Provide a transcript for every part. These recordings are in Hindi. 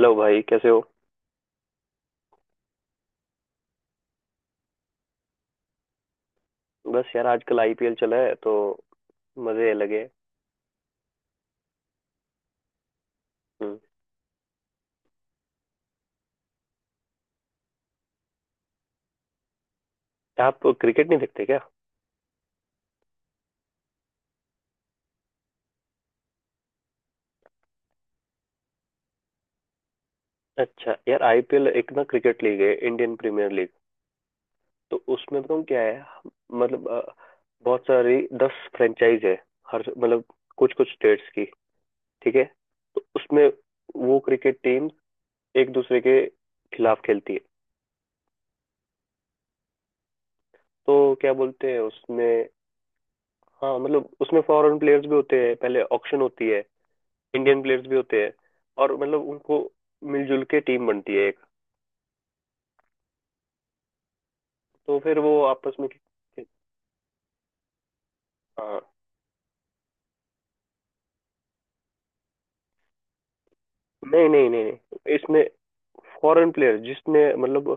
हेलो भाई कैसे हो। बस यार आजकल आईपीएल चला है तो मजे लगे। हम्म। आप क्रिकेट नहीं देखते क्या? अच्छा यार, आईपीएल एक ना क्रिकेट लीग है, इंडियन प्रीमियर लीग। तो उसमें बताऊँ क्या है। मतलब बहुत सारी 10 फ्रेंचाइज है। हर मतलब कुछ कुछ स्टेट्स की। ठीक है। तो उसमें वो क्रिकेट टीम एक दूसरे के खिलाफ खेलती है। तो क्या बोलते हैं उसमें। हाँ मतलब उसमें फॉरेन प्लेयर्स भी होते हैं, पहले ऑक्शन होती है। इंडियन प्लेयर्स भी होते हैं। और मतलब उनको मिलजुल के टीम बनती है एक। तो फिर वो आपस में। हाँ नहीं नहीं नहीं नहीं, इसमें फॉरेन प्लेयर जिसने मतलब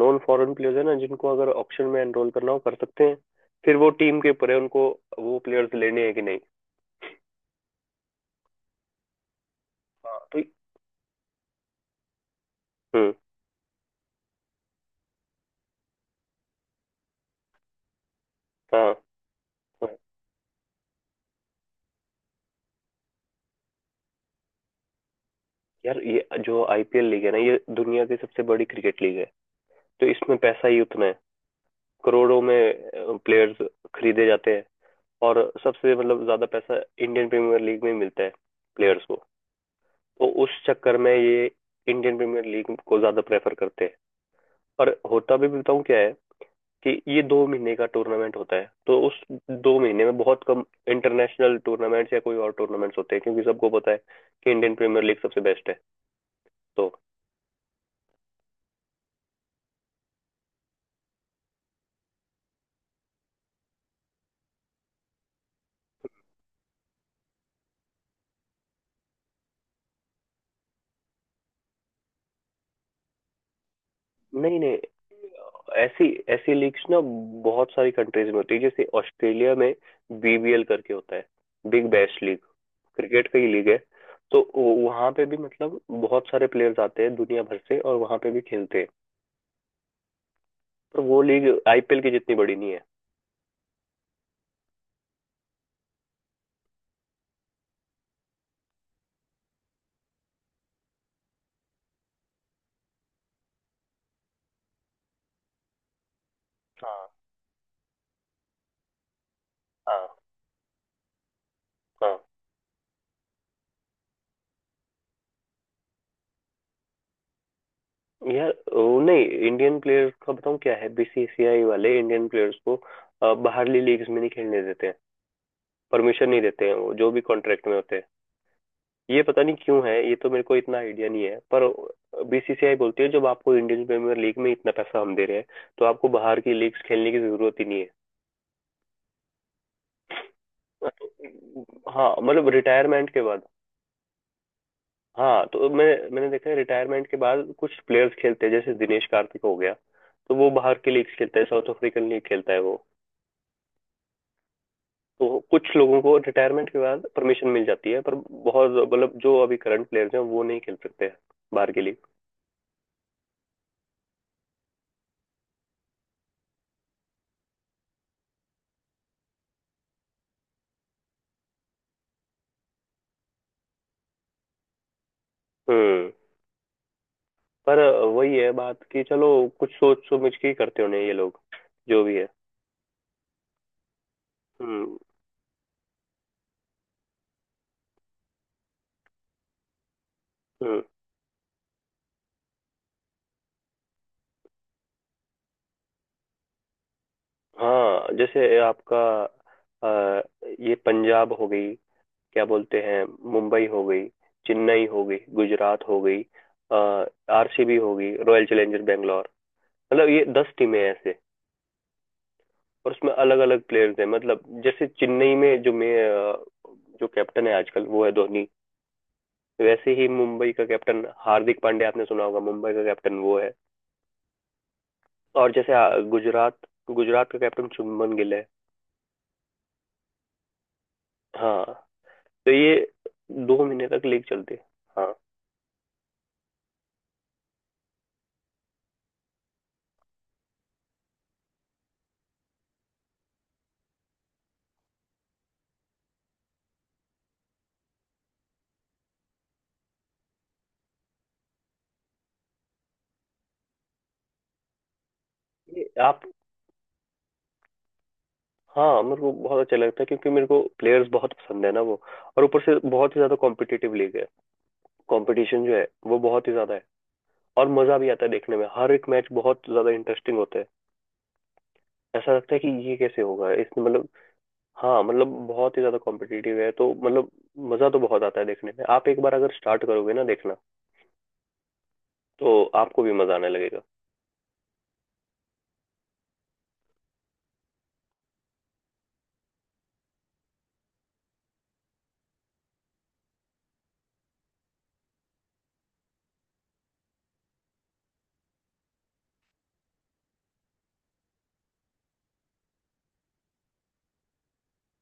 नॉन फॉरेन प्लेयर्स है ना, जिनको अगर ऑप्शन में एनरोल करना हो कर सकते हैं। फिर वो टीम के ऊपर है उनको वो प्लेयर्स लेने हैं कि नहीं। हाँ तो। हम्म। हाँ हाँ। यार ये जो आईपीएल लीग है ना, ये दुनिया की सबसे बड़ी क्रिकेट लीग है। तो इसमें पैसा ही उतना है। करोड़ों में प्लेयर्स खरीदे जाते हैं। और सबसे मतलब ज्यादा पैसा इंडियन प्रीमियर लीग में मिलता है प्लेयर्स को। तो उस चक्कर में ये इंडियन प्रीमियर लीग को ज्यादा प्रेफर करते हैं। और होता भी बताऊं क्या है कि ये 2 महीने का टूर्नामेंट होता है, तो उस 2 महीने में बहुत कम इंटरनेशनल टूर्नामेंट्स या कोई और टूर्नामेंट्स होते हैं, क्योंकि सबको पता है कि इंडियन प्रीमियर लीग सबसे बेस्ट है। तो नहीं नहीं। ऐसी ऐसी लीग्स ना बहुत सारी कंट्रीज में होती है, जैसे ऑस्ट्रेलिया में बीबीएल करके होता है, बिग बैश लीग। क्रिकेट का ही लीग है। तो वहां पे भी मतलब बहुत सारे प्लेयर्स आते हैं दुनिया भर से, और वहां पे भी खेलते हैं। पर वो लीग आईपीएल की जितनी बड़ी नहीं है। हाँ हाँ हाँ। यार वो नहीं, इंडियन प्लेयर्स का बताऊँ क्या है, बीसीसीआई वाले इंडियन प्लेयर्स को बाहरली लीग्स में नहीं खेलने देते हैं। परमिशन नहीं देते हैं, वो जो भी कॉन्ट्रैक्ट में होते हैं। ये पता नहीं क्यों है, ये तो मेरे को इतना आइडिया नहीं है, पर बीसीसीआई बोलती है जब आपको इंडियन प्रीमियर लीग में इतना पैसा हम दे रहे हैं तो आपको बाहर की लीग्स खेलने की जरूरत ही नहीं है। हाँ मतलब रिटायरमेंट के बाद। हाँ तो मैंने देखा है रिटायरमेंट के बाद कुछ प्लेयर्स खेलते हैं, जैसे दिनेश कार्तिक हो गया। तो वो बाहर के लीग खेलता है, साउथ अफ्रीकन लीग खेलता है वो। तो कुछ लोगों को रिटायरमेंट के बाद परमिशन मिल जाती है, पर बहुत मतलब जो अभी करंट प्लेयर्स हैं वो नहीं खेल सकते बाहर के लिए। हम्म। पर वही है बात कि चलो कुछ सोच समझ के ही करते होने ये लोग जो भी है। हम्म हम्म। हाँ जैसे आपका अ, ये पंजाब हो गई, क्या बोलते हैं, मुंबई हो गई, चेन्नई हो गई, गुजरात हो गई, आरसीबी हो गई, रॉयल चैलेंजर बैंगलोर। मतलब ये 10 टीमें हैं ऐसे। और उसमें अलग अलग प्लेयर्स हैं, मतलब जैसे चेन्नई में जो मैं अ, जो कैप्टन है आजकल वो है धोनी। वैसे ही मुंबई का कैप्टन हार्दिक पांड्या, आपने सुना होगा, मुंबई का कैप्टन वो है। और जैसे गुजरात, गुजरात का कैप्टन शुभमन गिल है। हाँ तो ये 2 महीने तक लीग चलती है। हाँ ये आप। हाँ मेरे को बहुत अच्छा लगता है क्योंकि मेरे को प्लेयर्स बहुत पसंद है ना वो। और ऊपर से बहुत ही ज्यादा कॉम्पिटिटिव लीग है। कंपटीशन जो है वो बहुत ही ज्यादा है। और मजा भी आता है देखने में, हर एक मैच बहुत ज्यादा इंटरेस्टिंग होता है। ऐसा लगता है कि ये कैसे होगा, इसमें मतलब। हाँ मतलब बहुत ही ज्यादा कॉम्पिटिटिव है तो मतलब मजा तो बहुत आता है देखने में। आप एक बार अगर स्टार्ट करोगे ना देखना, तो आपको भी मजा आने लगेगा।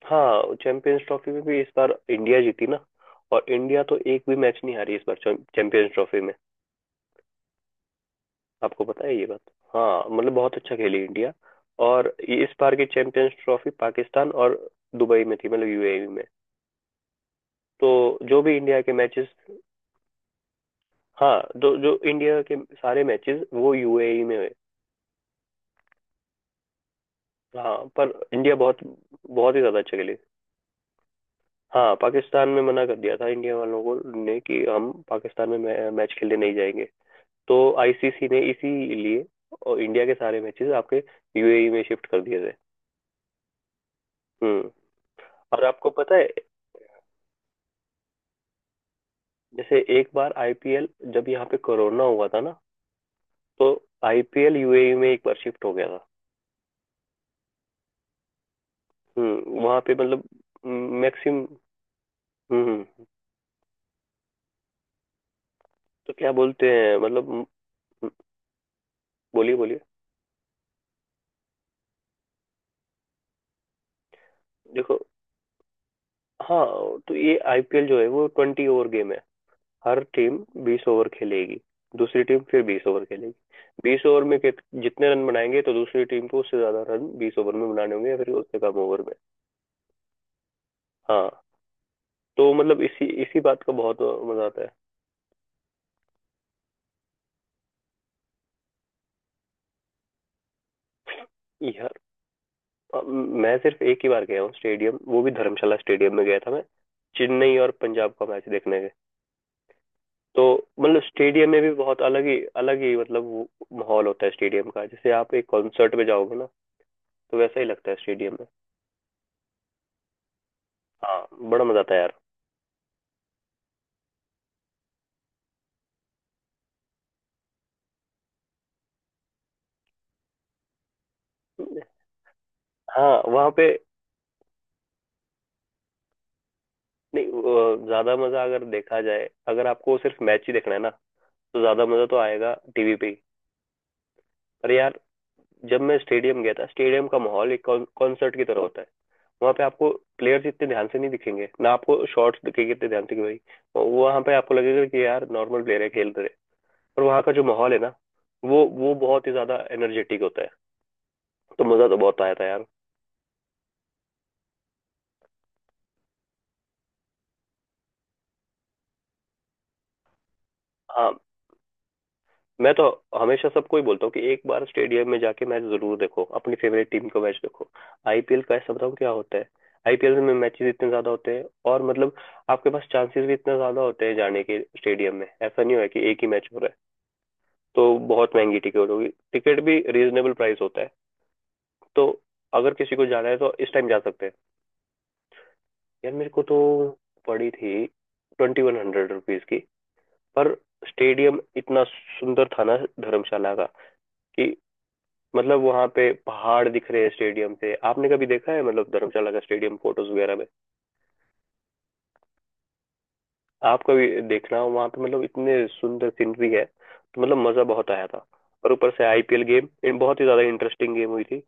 हाँ चैंपियंस ट्रॉफी में भी इस बार इंडिया जीती ना। और इंडिया तो एक भी मैच नहीं हारी इस बार चैंपियंस ट्रॉफी में। आपको पता है ये बात? हाँ मतलब बहुत अच्छा खेली इंडिया। और ये इस बार की चैंपियंस ट्रॉफी पाकिस्तान और दुबई में थी, मतलब यूएई में। तो जो भी इंडिया के मैचेस। हाँ, जो जो इंडिया के सारे मैचेस वो यूएई में हुए। हाँ पर इंडिया बहुत बहुत ही ज्यादा अच्छा खेली। हाँ पाकिस्तान में मना कर दिया था, इंडिया वालों को ने कि हम पाकिस्तान में मैच खेलने नहीं जाएंगे। तो आईसीसी ने इसीलिए और इंडिया के सारे मैचेस आपके यूएई में शिफ्ट कर दिए थे। हम्म। और आपको पता है, जैसे एक बार आईपीएल जब यहाँ पे कोरोना हुआ था ना, तो आईपीएल यूएई में एक बार शिफ्ट हो गया था। वहां पे मतलब मैक्सिम। हम्म। तो क्या बोलते हैं मतलब हम्म। बोलिए बोलिए। देखो। हाँ तो ये आईपीएल जो है वो 20 ओवर गेम है। हर टीम 20 ओवर खेलेगी। दूसरी टीम फिर 20 ओवर खेलेगी। 20 ओवर में जितने रन बनाएंगे, तो दूसरी टीम को उससे ज्यादा रन 20 ओवर में बनाने होंगे या फिर उससे कम ओवर में। हाँ तो मतलब इसी इसी बात का बहुत मजा आता है। यह मैं सिर्फ एक ही बार गया हूँ स्टेडियम, वो भी धर्मशाला स्टेडियम में गया था मैं, चेन्नई और पंजाब का मैच देखने के। तो मतलब स्टेडियम में भी बहुत अलग ही मतलब वो माहौल होता है स्टेडियम का, जैसे आप एक कॉन्सर्ट में जाओगे ना, तो वैसा ही लगता है स्टेडियम में। हाँ बड़ा मजा आता है यार। हाँ वहाँ पे नहीं, ज्यादा मजा अगर देखा जाए, अगर आपको सिर्फ मैच ही देखना है ना, तो ज्यादा मजा तो आएगा टीवी पे ही। पर यार जब मैं स्टेडियम गया था, स्टेडियम का माहौल एक कॉन्सर्ट की तरह होता है। वहाँ पे आपको प्लेयर्स इतने ध्यान से नहीं दिखेंगे ना, आपको शॉट्स दिखेंगे इतने ध्यान से कि भाई वो वहाँ पे आपको लगेगा कि यार नॉर्मल प्लेयर है खेल रहे। पर वहाँ का जो माहौल है ना, वो बहुत ही ज्यादा एनर्जेटिक होता है। तो मजा तो बहुत आया था यार। हाँ मैं तो हमेशा सबको ही बोलता हूँ कि एक बार स्टेडियम में जाके मैच जरूर देखो, अपनी फेवरेट टीम का मैच देखो। आईपीएल का ऐसा बताऊँ क्या होता है। आईपीएल में मैचेस इतने ज्यादा होते हैं, और मतलब आपके पास चांसेस भी इतने ज्यादा होते हैं जाने के स्टेडियम में, ऐसा नहीं हो कि एक ही मैच हो रहा है तो बहुत महंगी टिकट होगी। टिकट भी रीजनेबल प्राइस होता है, तो अगर किसी को जाना है तो इस टाइम जा सकते हैं। यार मेरे को तो पड़ी थी 2100 रुपीज की। पर स्टेडियम इतना सुंदर था ना धर्मशाला का कि मतलब वहां पे पहाड़ दिख रहे हैं स्टेडियम से। आपने कभी देखा है मतलब धर्मशाला का स्टेडियम फोटोज वगैरह में? आप कभी देखना, हो वहां पे मतलब इतने सुंदर सीनरी है, तो मतलब मजा बहुत आया था। और ऊपर से आईपीएल गेम बहुत ही ज्यादा इंटरेस्टिंग गेम हुई थी।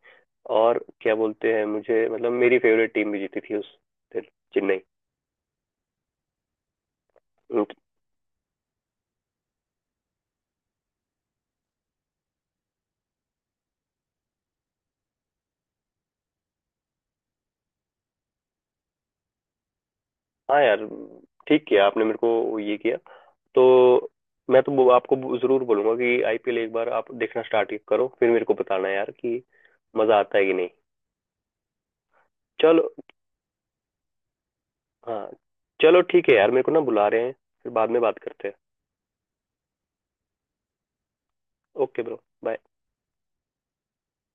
और क्या बोलते हैं, मुझे मतलब मेरी फेवरेट टीम भी जीती थी उस दिन, चेन्नई। हाँ यार ठीक किया आपने मेरे को ये किया। तो मैं तो वो आपको जरूर बोलूंगा कि आईपीएल एक बार आप देखना स्टार्ट करो, फिर मेरे को बताना यार कि मजा आता है कि नहीं। चलो हाँ चलो ठीक है यार, मेरे को ना बुला रहे हैं, फिर बाद में बात करते हैं। Okay bro bye.